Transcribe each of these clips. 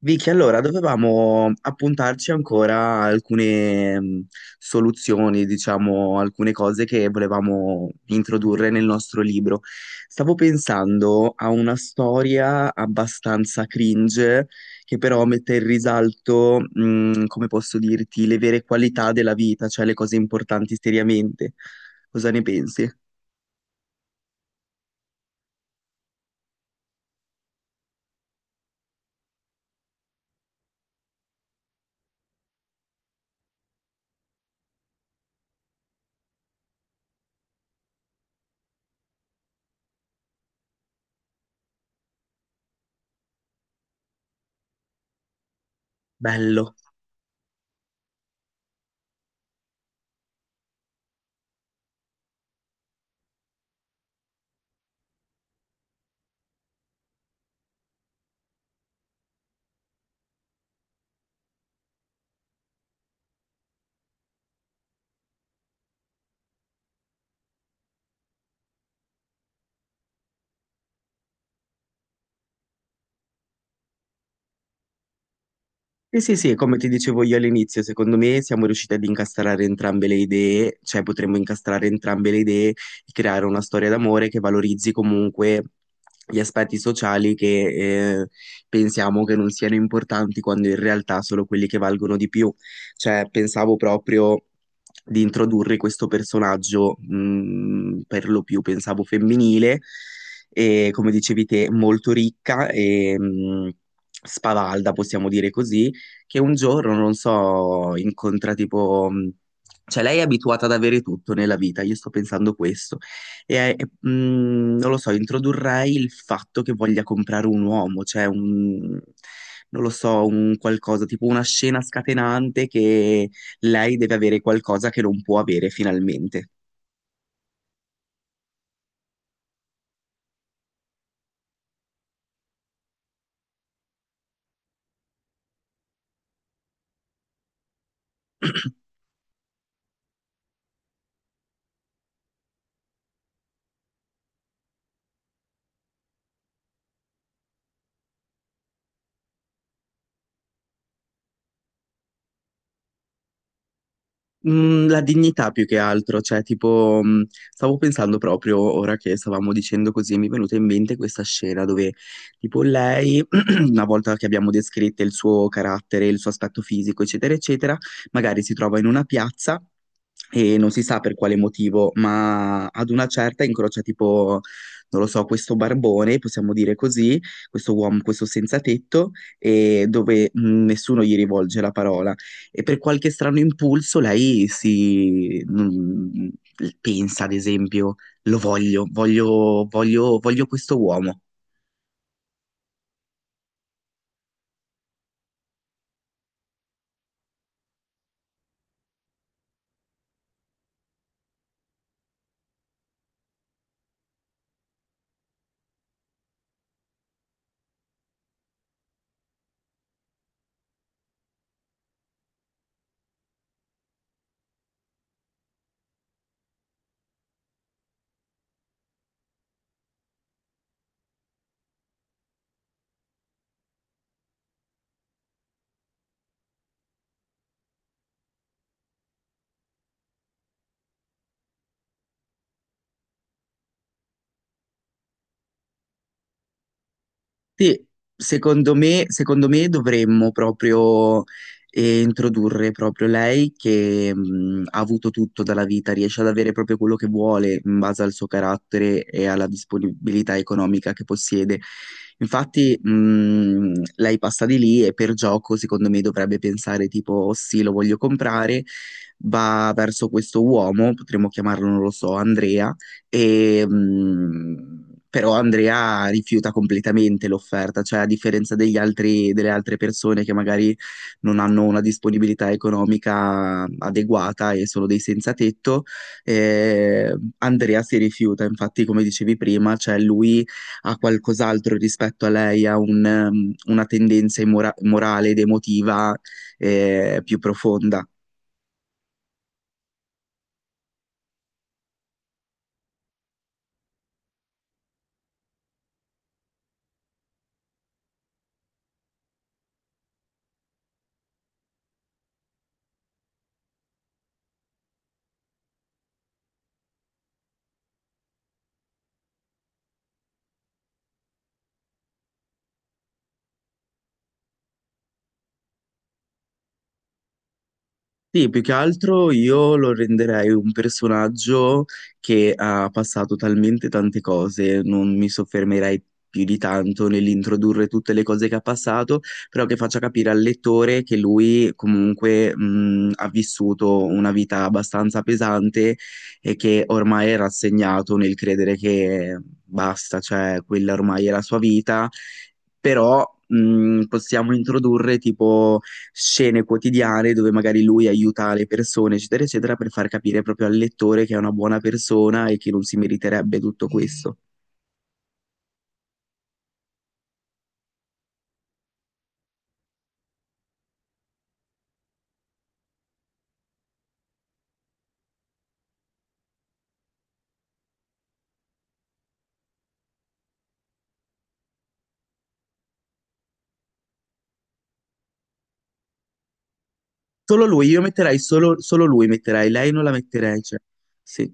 Vicky, allora dovevamo appuntarci ancora a alcune soluzioni, diciamo, alcune cose che volevamo introdurre nel nostro libro. Stavo pensando a una storia abbastanza cringe che però mette in risalto, come posso dirti, le vere qualità della vita, cioè le cose importanti seriamente. Cosa ne pensi? Bello. Sì, sì, sì, come ti dicevo io all'inizio, secondo me siamo riusciti ad incastrare entrambe le idee, cioè potremmo incastrare entrambe le idee e creare una storia d'amore che valorizzi comunque gli aspetti sociali che pensiamo che non siano importanti quando in realtà sono quelli che valgono di più. Cioè, pensavo proprio di introdurre questo personaggio, per lo più pensavo femminile, e come dicevi te, molto ricca e spavalda, possiamo dire così che un giorno, non so, incontra tipo... cioè, lei è abituata ad avere tutto nella vita, io sto pensando questo. E non lo so, introdurrei il fatto che voglia comprare un uomo, cioè un... Non lo so, un qualcosa, tipo una scena scatenante che lei deve avere qualcosa che non può avere finalmente. Mm, la dignità più che altro, cioè tipo, stavo pensando proprio ora che stavamo dicendo così, mi è venuta in mente questa scena dove tipo lei, una volta che abbiamo descritto il suo carattere, il suo aspetto fisico, eccetera, eccetera, magari si trova in una piazza e non si sa per quale motivo, ma ad una certa incrocia tipo, non lo so, questo barbone, possiamo dire così, questo uomo, questo senza tetto, e dove nessuno gli rivolge la parola e per qualche strano impulso lei si pensa, ad esempio, lo voglio questo uomo. Sì, secondo me dovremmo proprio introdurre proprio lei che ha avuto tutto dalla vita, riesce ad avere proprio quello che vuole in base al suo carattere e alla disponibilità economica che possiede. Infatti, lei passa di lì e per gioco, secondo me, dovrebbe pensare tipo, "Oh, sì, lo voglio comprare", va verso questo uomo, potremmo chiamarlo, non lo so, Andrea e, però Andrea rifiuta completamente l'offerta, cioè a differenza delle altre persone che magari non hanno una disponibilità economica adeguata e sono dei senza tetto, Andrea si rifiuta, infatti come dicevi prima, cioè lui ha qualcos'altro rispetto a lei, ha una tendenza morale ed emotiva, più profonda. Sì, più che altro io lo renderei un personaggio che ha passato talmente tante cose, non mi soffermerei più di tanto nell'introdurre tutte le cose che ha passato, però che faccia capire al lettore che lui comunque ha vissuto una vita abbastanza pesante e che ormai è rassegnato nel credere che basta, cioè quella ormai è la sua vita, però possiamo introdurre tipo scene quotidiane dove magari lui aiuta le persone, eccetera, eccetera, per far capire proprio al lettore che è una buona persona e che non si meriterebbe tutto questo. Solo lui, io metterei solo lui, metterei, lei non la metterei, cioè, sì.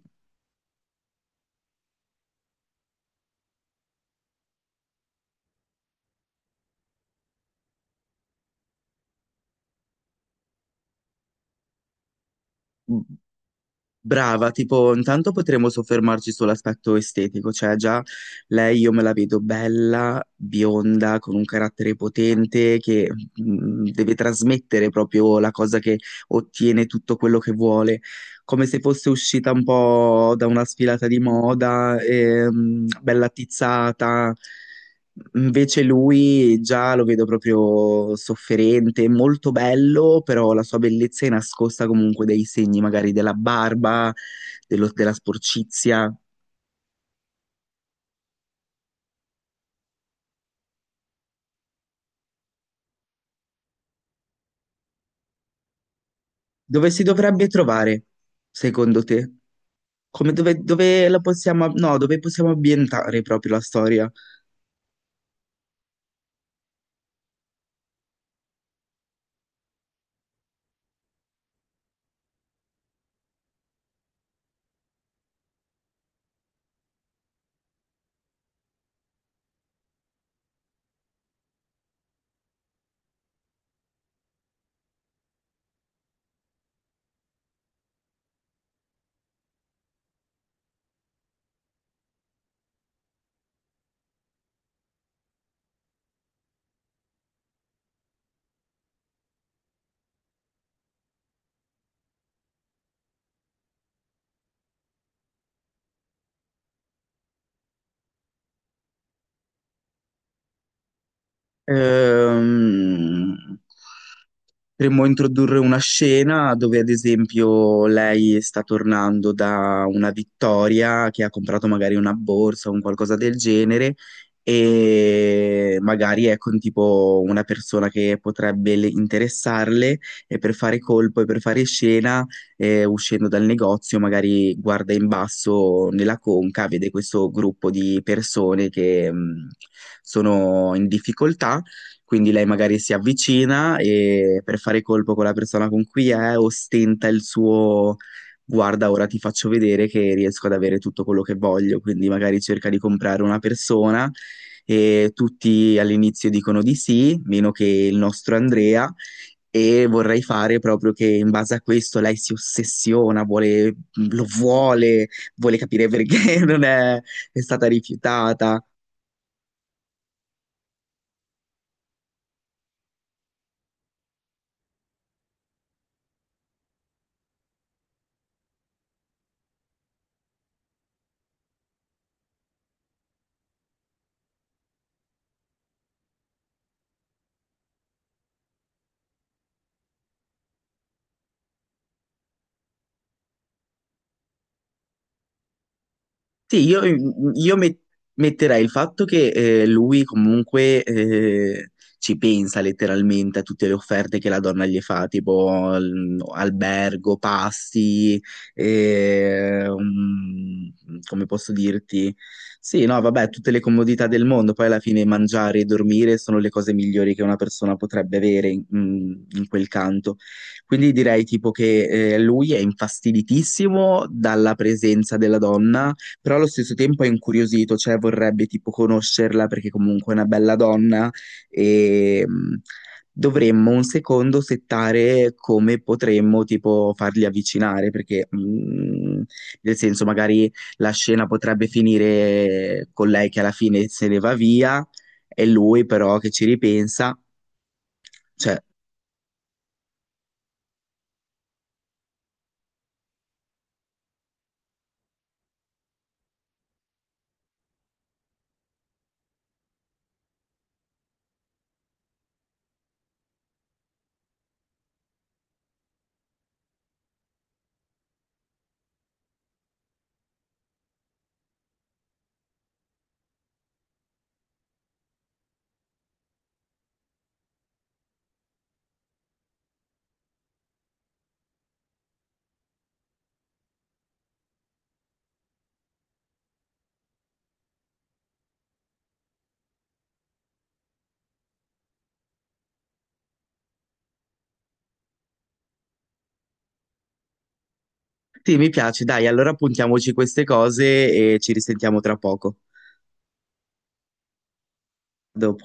Brava, tipo, intanto potremmo soffermarci sull'aspetto estetico, cioè già lei io me la vedo bella, bionda, con un carattere potente che deve trasmettere proprio la cosa che ottiene tutto quello che vuole, come se fosse uscita un po' da una sfilata di moda, bella tizzata. Invece lui già lo vedo proprio sofferente, molto bello, però la sua bellezza è nascosta comunque dai segni magari della barba, della sporcizia. Dove si dovrebbe trovare, secondo te? Come dove, dove la possiamo, no, dove possiamo ambientare proprio la storia? Ehm, Potremmo introdurre una scena dove, ad esempio, lei sta tornando da una vittoria che ha comprato magari una borsa o un qualcosa del genere e magari è con tipo una persona che potrebbe interessarle e per fare colpo e per fare scena, uscendo dal negozio, magari guarda in basso nella conca, vede questo gruppo di persone che sono in difficoltà, quindi lei magari si avvicina e per fare colpo con la persona con cui è, ostenta il suo guarda, ora ti faccio vedere che riesco ad avere tutto quello che voglio. Quindi magari cerca di comprare una persona e tutti all'inizio dicono di sì, meno che il nostro Andrea. E vorrei fare proprio che in base a questo lei si ossessiona, lo vuole, vuole capire perché non è, è stata rifiutata. Sì, io metterei il fatto che lui comunque ci pensa letteralmente a tutte le offerte che la donna gli fa, tipo albergo, pasti, eh, um, come posso dirti? Sì, no, vabbè, tutte le comodità del mondo, poi alla fine mangiare e dormire sono le cose migliori che una persona potrebbe avere in quel canto. Quindi direi tipo che lui è infastiditissimo dalla presenza della donna, però allo stesso tempo è incuriosito, cioè vorrebbe tipo conoscerla perché comunque è una bella donna e dovremmo un secondo settare come potremmo tipo farli avvicinare perché nel senso magari la scena potrebbe finire con lei che alla fine se ne va via e lui però che ci ripensa. Cioè, sì, mi piace, dai, allora puntiamoci queste cose e ci risentiamo tra poco. A dopo.